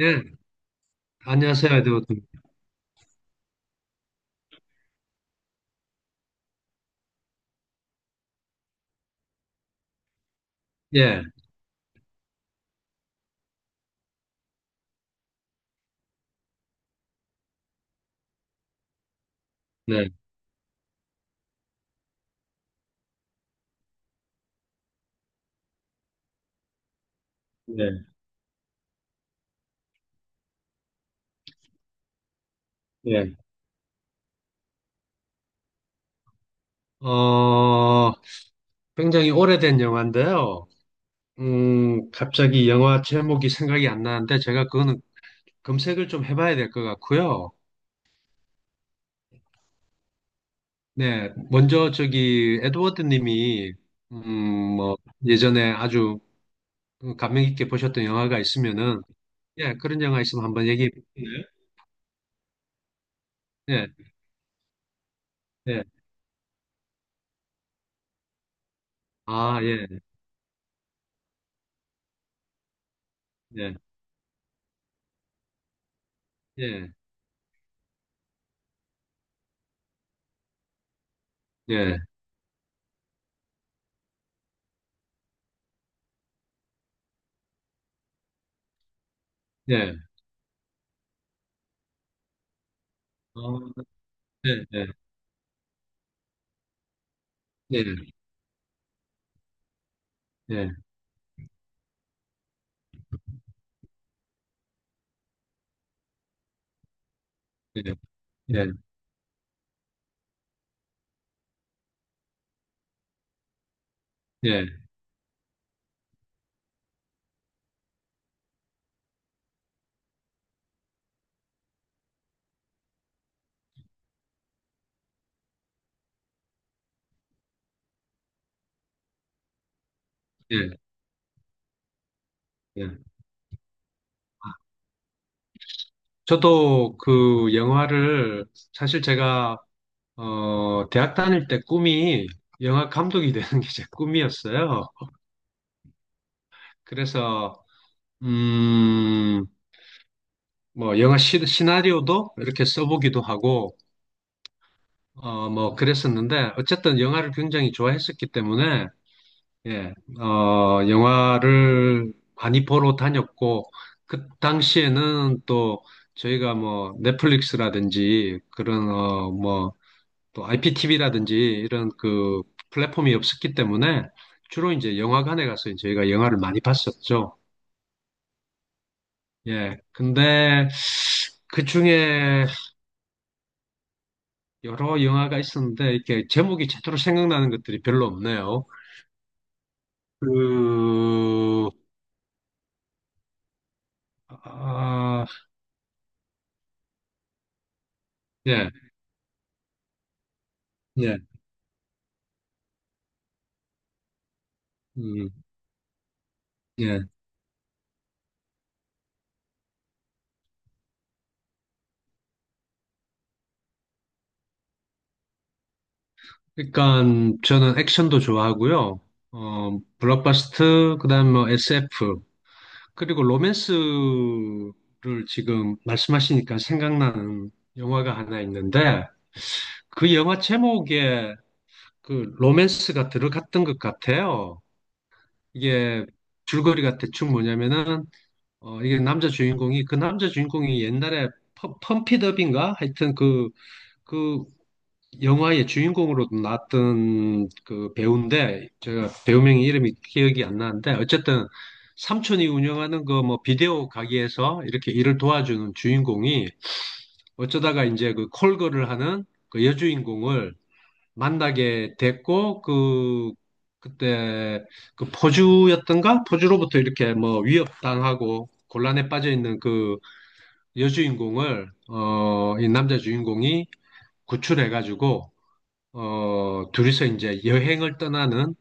예, 안녕하세요, 에드워드. 예, 네, 네, 예. 어, 굉장히 오래된 영화인데요. 갑자기 영화 제목이 생각이 안 나는데 제가 그거는 검색을 좀 해봐야 될 것 같고요. 네, 먼저 저기 에드워드 님이 뭐 예전에 아주 감명 깊게 보셨던 영화가 있으면은 예, 그런 영화 있으면 한번 얘기해 보세요. 예, 예. 아, 예, 예, 예, 예, 예. 어, 예, 예, 예. 예. 예, 예, 예, 예, 예. 저도 그 영화를 사실 제가 대학 다닐 때 꿈이 영화 감독이 되는 게 제 꿈이었어요. 그래서 음 뭐 영화 시나리오도 이렇게 써보기도 하고 뭐 그랬었는데 어쨌든 영화를 굉장히 좋아했었기 때문에 예, 영화를 많이 보러 다녔고, 그 당시에는 또 저희가 뭐 넷플릭스라든지 그런, 뭐 또 IPTV라든지 이런 그 플랫폼이 없었기 때문에 주로 이제 영화관에 가서 저희가 영화를 많이 봤었죠. 예, 근데 그 중에 여러 영화가 있었는데 이렇게 제목이 제대로 생각나는 것들이 별로 없네요. 그, 아, 예, 예. 음. 예. 그러니까 저는 액션도 좋아하고요. 어, 블록버스터, 그다음에 뭐 SF, 그리고 로맨스를 지금 말씀하시니까 생각나는 영화가 하나 있는데 그 영화 제목에 그 로맨스가 들어갔던 것 같아요. 이게 줄거리가 대충 뭐냐면은 이게 남자 주인공이 옛날에 펌피업인가 하여튼 그그 영화의 주인공으로 나왔던 그 배우인데 제가 배우명 이름이 기억이 안 나는데 어쨌든 삼촌이 운영하는 그 뭐 비디오 가게에서 이렇게 일을 도와주는 주인공이 어쩌다가 이제 그 콜걸을 하는 그 여주인공을 만나게 됐고 그때 그 포주였던가 포주로부터 이렇게 뭐 위협당하고 곤란에 빠져 있는 그 여주인공을 이 남자 주인공이 구출해가지고 둘이서 이제 여행을 떠나는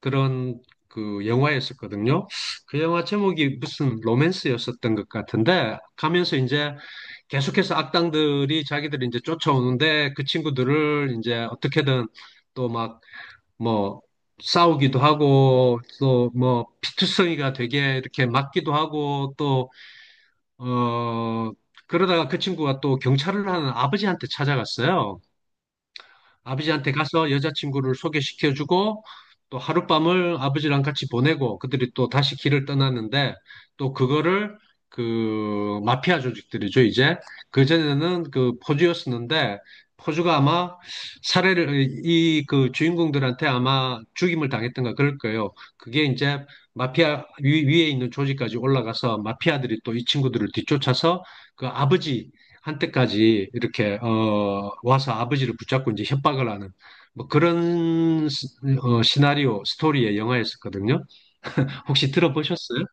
그런 그 영화였었거든요. 그 영화 제목이 무슨 로맨스였었던 것 같은데 가면서 이제 계속해서 악당들이 자기들이 이제 쫓아오는데 그 친구들을 이제 어떻게든 또 막 뭐 싸우기도 하고 또 뭐 피투성이가 되게 이렇게 맞기도 하고 또 어 그러다가 그 친구가 또 경찰을 하는 아버지한테 찾아갔어요. 아버지한테 가서 여자친구를 소개시켜주고 또 하룻밤을 아버지랑 같이 보내고 그들이 또 다시 길을 떠났는데 또 그거를 그 마피아 조직들이죠 이제 그전에는 그 포주였었는데 포주가 아마 살해를 이 그 주인공들한테 아마 죽임을 당했던가 그럴 거예요. 그게 이제 마피아 위에 있는 조직까지 올라가서 마피아들이 또 이 친구들을 뒤쫓아서 그 아버지 한때까지 이렇게 와서 아버지를 붙잡고 이제 협박을 하는 뭐 그런 시나리오 스토리의 영화였었거든요. 혹시 들어보셨어요?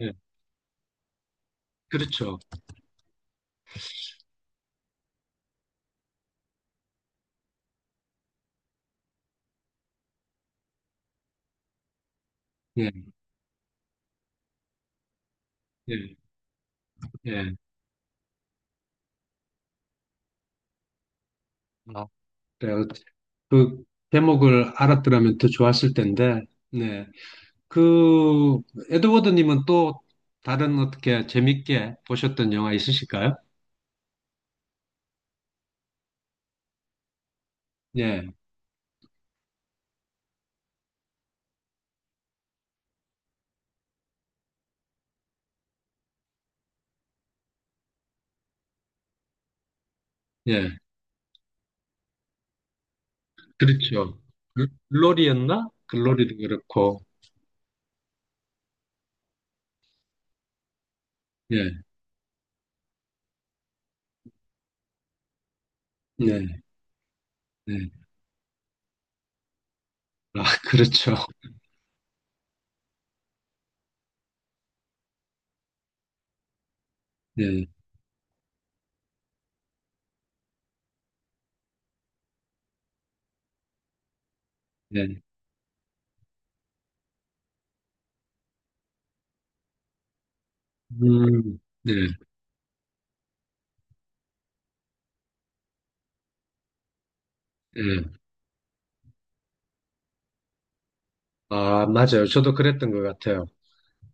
예, 그렇죠. 예, 예, 예. 아, 그래요. 그 제목을 알았더라면 더 좋았을 텐데, 네. 그 에드워드님은 또 다른 어떻게 재밌게 보셨던 영화 있으실까요? 예, 예, 그렇죠. 글로리였나? 글로리도 그렇고, 예, 예, 예. 아, 그렇죠. 네, 네. 네, 네. 아, 맞아요. 저도 그랬던 것 같아요.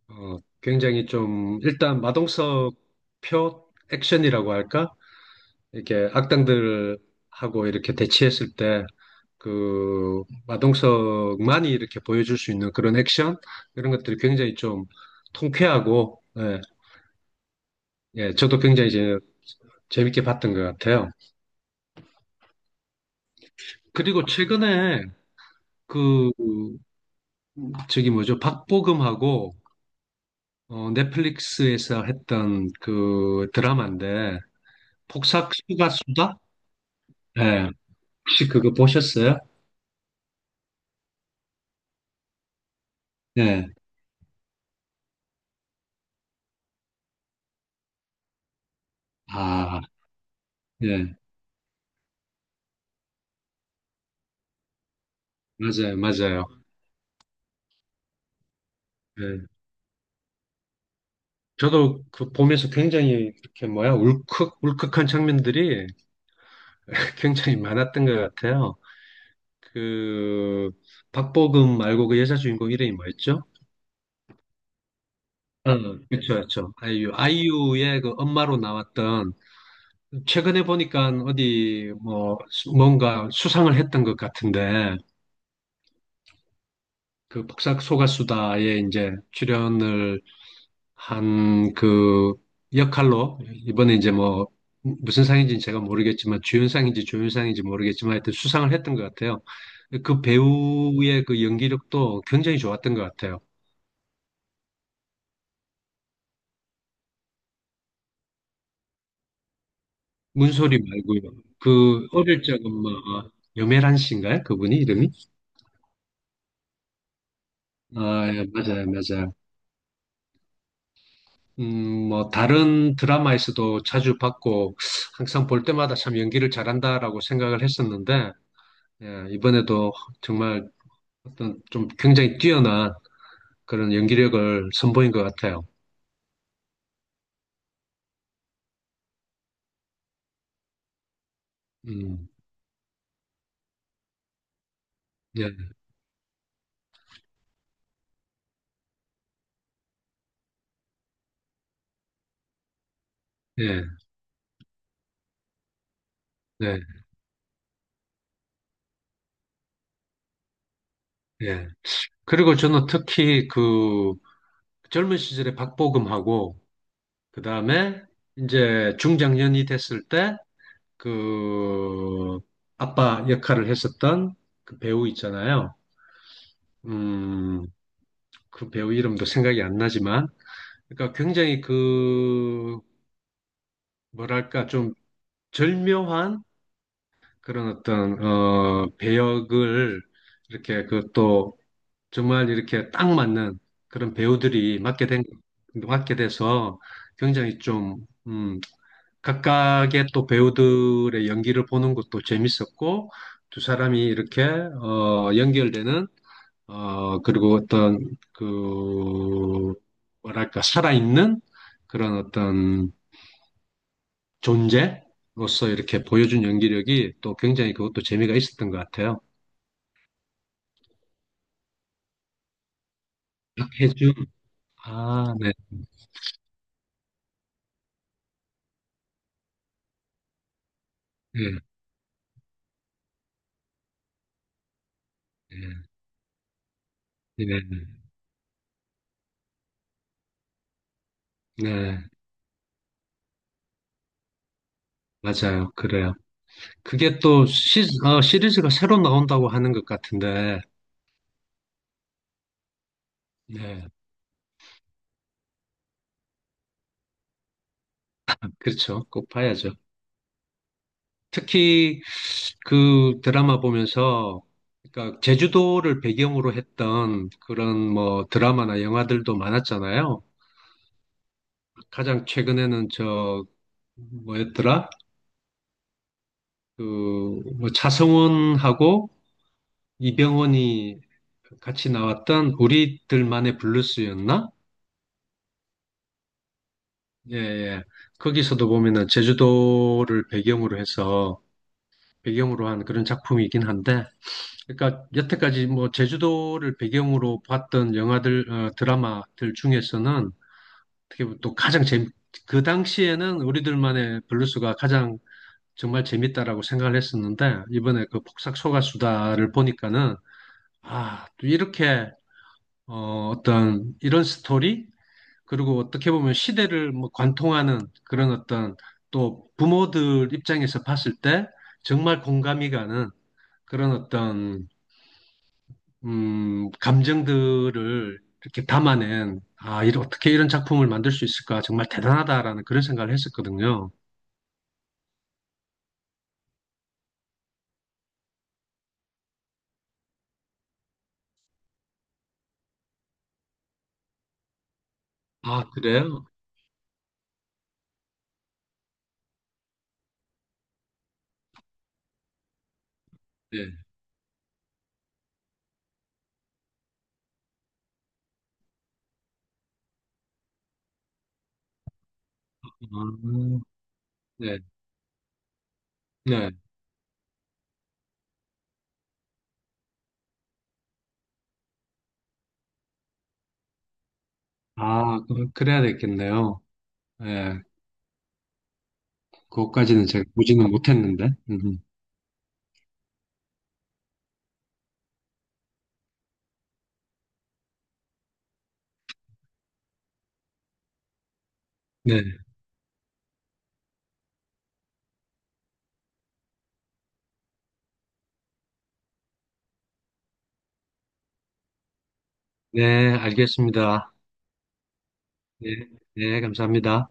어, 굉장히 좀, 일단 마동석 표 액션이라고 할까? 이렇게 악당들하고 이렇게 대치했을 때, 그, 마동석만이 이렇게 보여줄 수 있는 그런 액션? 이런 것들이 굉장히 좀 통쾌하고, 예, 예, 저도 굉장히 이제 재밌게 봤던 것 같아요. 그리고 최근에 그 저기 뭐죠? 박보검하고 넷플릭스에서 했던 그 드라마인데 폭삭수가 수다? 예. 혹시 그거 보셨어요? 예. 아, 예. 맞아요. 맞아요. 예. 저도 그 보면서 굉장히 이렇게 뭐야? 울컥 울컥한 장면들이 굉장히 많았던 것 같아요. 그 박보검 말고 그 여자 주인공 이름이 뭐였죠? 어, 그렇죠, 그렇죠. 아이유, 아이유의 그 엄마로 나왔던 최근에 보니까 어디 뭐 뭔가 수상을 했던 것 같은데 그복사 소가수다에 이제 출연을 한 그 역할로 이번에 이제 뭐 무슨 상인지는 제가 모르겠지만 주연상인지 조연상인지 모르겠지만 하여튼 수상을 했던 것 같아요. 그 배우의 그 연기력도 굉장히 좋았던 것 같아요. 문소리 말고요. 그 어릴 적은 뭐 여메란 씨인가요? 그분이 이름이? 아, 예, 맞아요, 맞아요. 뭐, 다른 드라마에서도 자주 봤고, 항상 볼 때마다 참 연기를 잘한다라고 생각을 했었는데, 예, 이번에도 정말 어떤 좀 굉장히 뛰어난 그런 연기력을 선보인 것 같아요. 음, 예, 예, 예, 예. 그리고 저는 특히 그 젊은 시절에 박보검하고, 그 다음에 이제 중장년이 됐을 때, 그 아빠 역할을 했었던 그 배우 있잖아요. 음, 그 배우 이름도 생각이 안 나지만, 그러니까 굉장히 그, 뭐랄까, 좀 절묘한 그런 어떤, 배역을 이렇게 그 또 정말 이렇게 딱 맞는 그런 배우들이 맡게 돼서 굉장히 좀, 각각의 또 배우들의 연기를 보는 것도 재밌었고, 두 사람이 이렇게, 연결되는 그리고 어떤, 그, 뭐랄까, 살아있는 그런 어떤 존재로서 이렇게 보여준 연기력이 또 굉장히 그것도 재미가 있었던 것 같아요. 박해준, 아, 네, 네, 네, 네, 네, 맞아요. 그래요. 그게 또 시리즈가 새로 나온다고 하는 것 같은데, 네, 그렇죠. 꼭 봐야죠. 특히 그 드라마 보면서 그러니까 제주도를 배경으로 했던 그런 뭐 드라마나 영화들도 많았잖아요. 가장 최근에는 저 뭐였더라? 그뭐 차성원하고 이병헌이 같이 나왔던 우리들만의 블루스였나? 예, 예. 거기서도 보면은 제주도를 배경으로 해서 배경으로 한 그런 작품이긴 한데 그러니까 여태까지 뭐 제주도를 배경으로 봤던 영화들, 어, 드라마들 중에서는 어떻게 보면 또 그 당시에는 우리들만의 블루스가 가장 정말 재밌다라고 생각을 했었는데 이번에 그 폭삭 소가수다를 보니까는 아, 또 이렇게 어떤 이런 스토리 그리고 어떻게 보면 시대를 뭐 관통하는 그런 어떤 또 부모들 입장에서 봤을 때 정말 공감이 가는 그런 어떤 감정들을 이렇게 담아낸, 아, 이런, 어떻게 이런 작품을 만들 수 있을까? 정말 대단하다라는 그런 생각을 했었거든요. 아, 그래요? 네. 음, 네. 네. 아, 그래야 되겠네요. 네. 그것까지는 제가 보지는 못했는데. 네. 네, 알겠습니다. 네. 네, 감사합니다.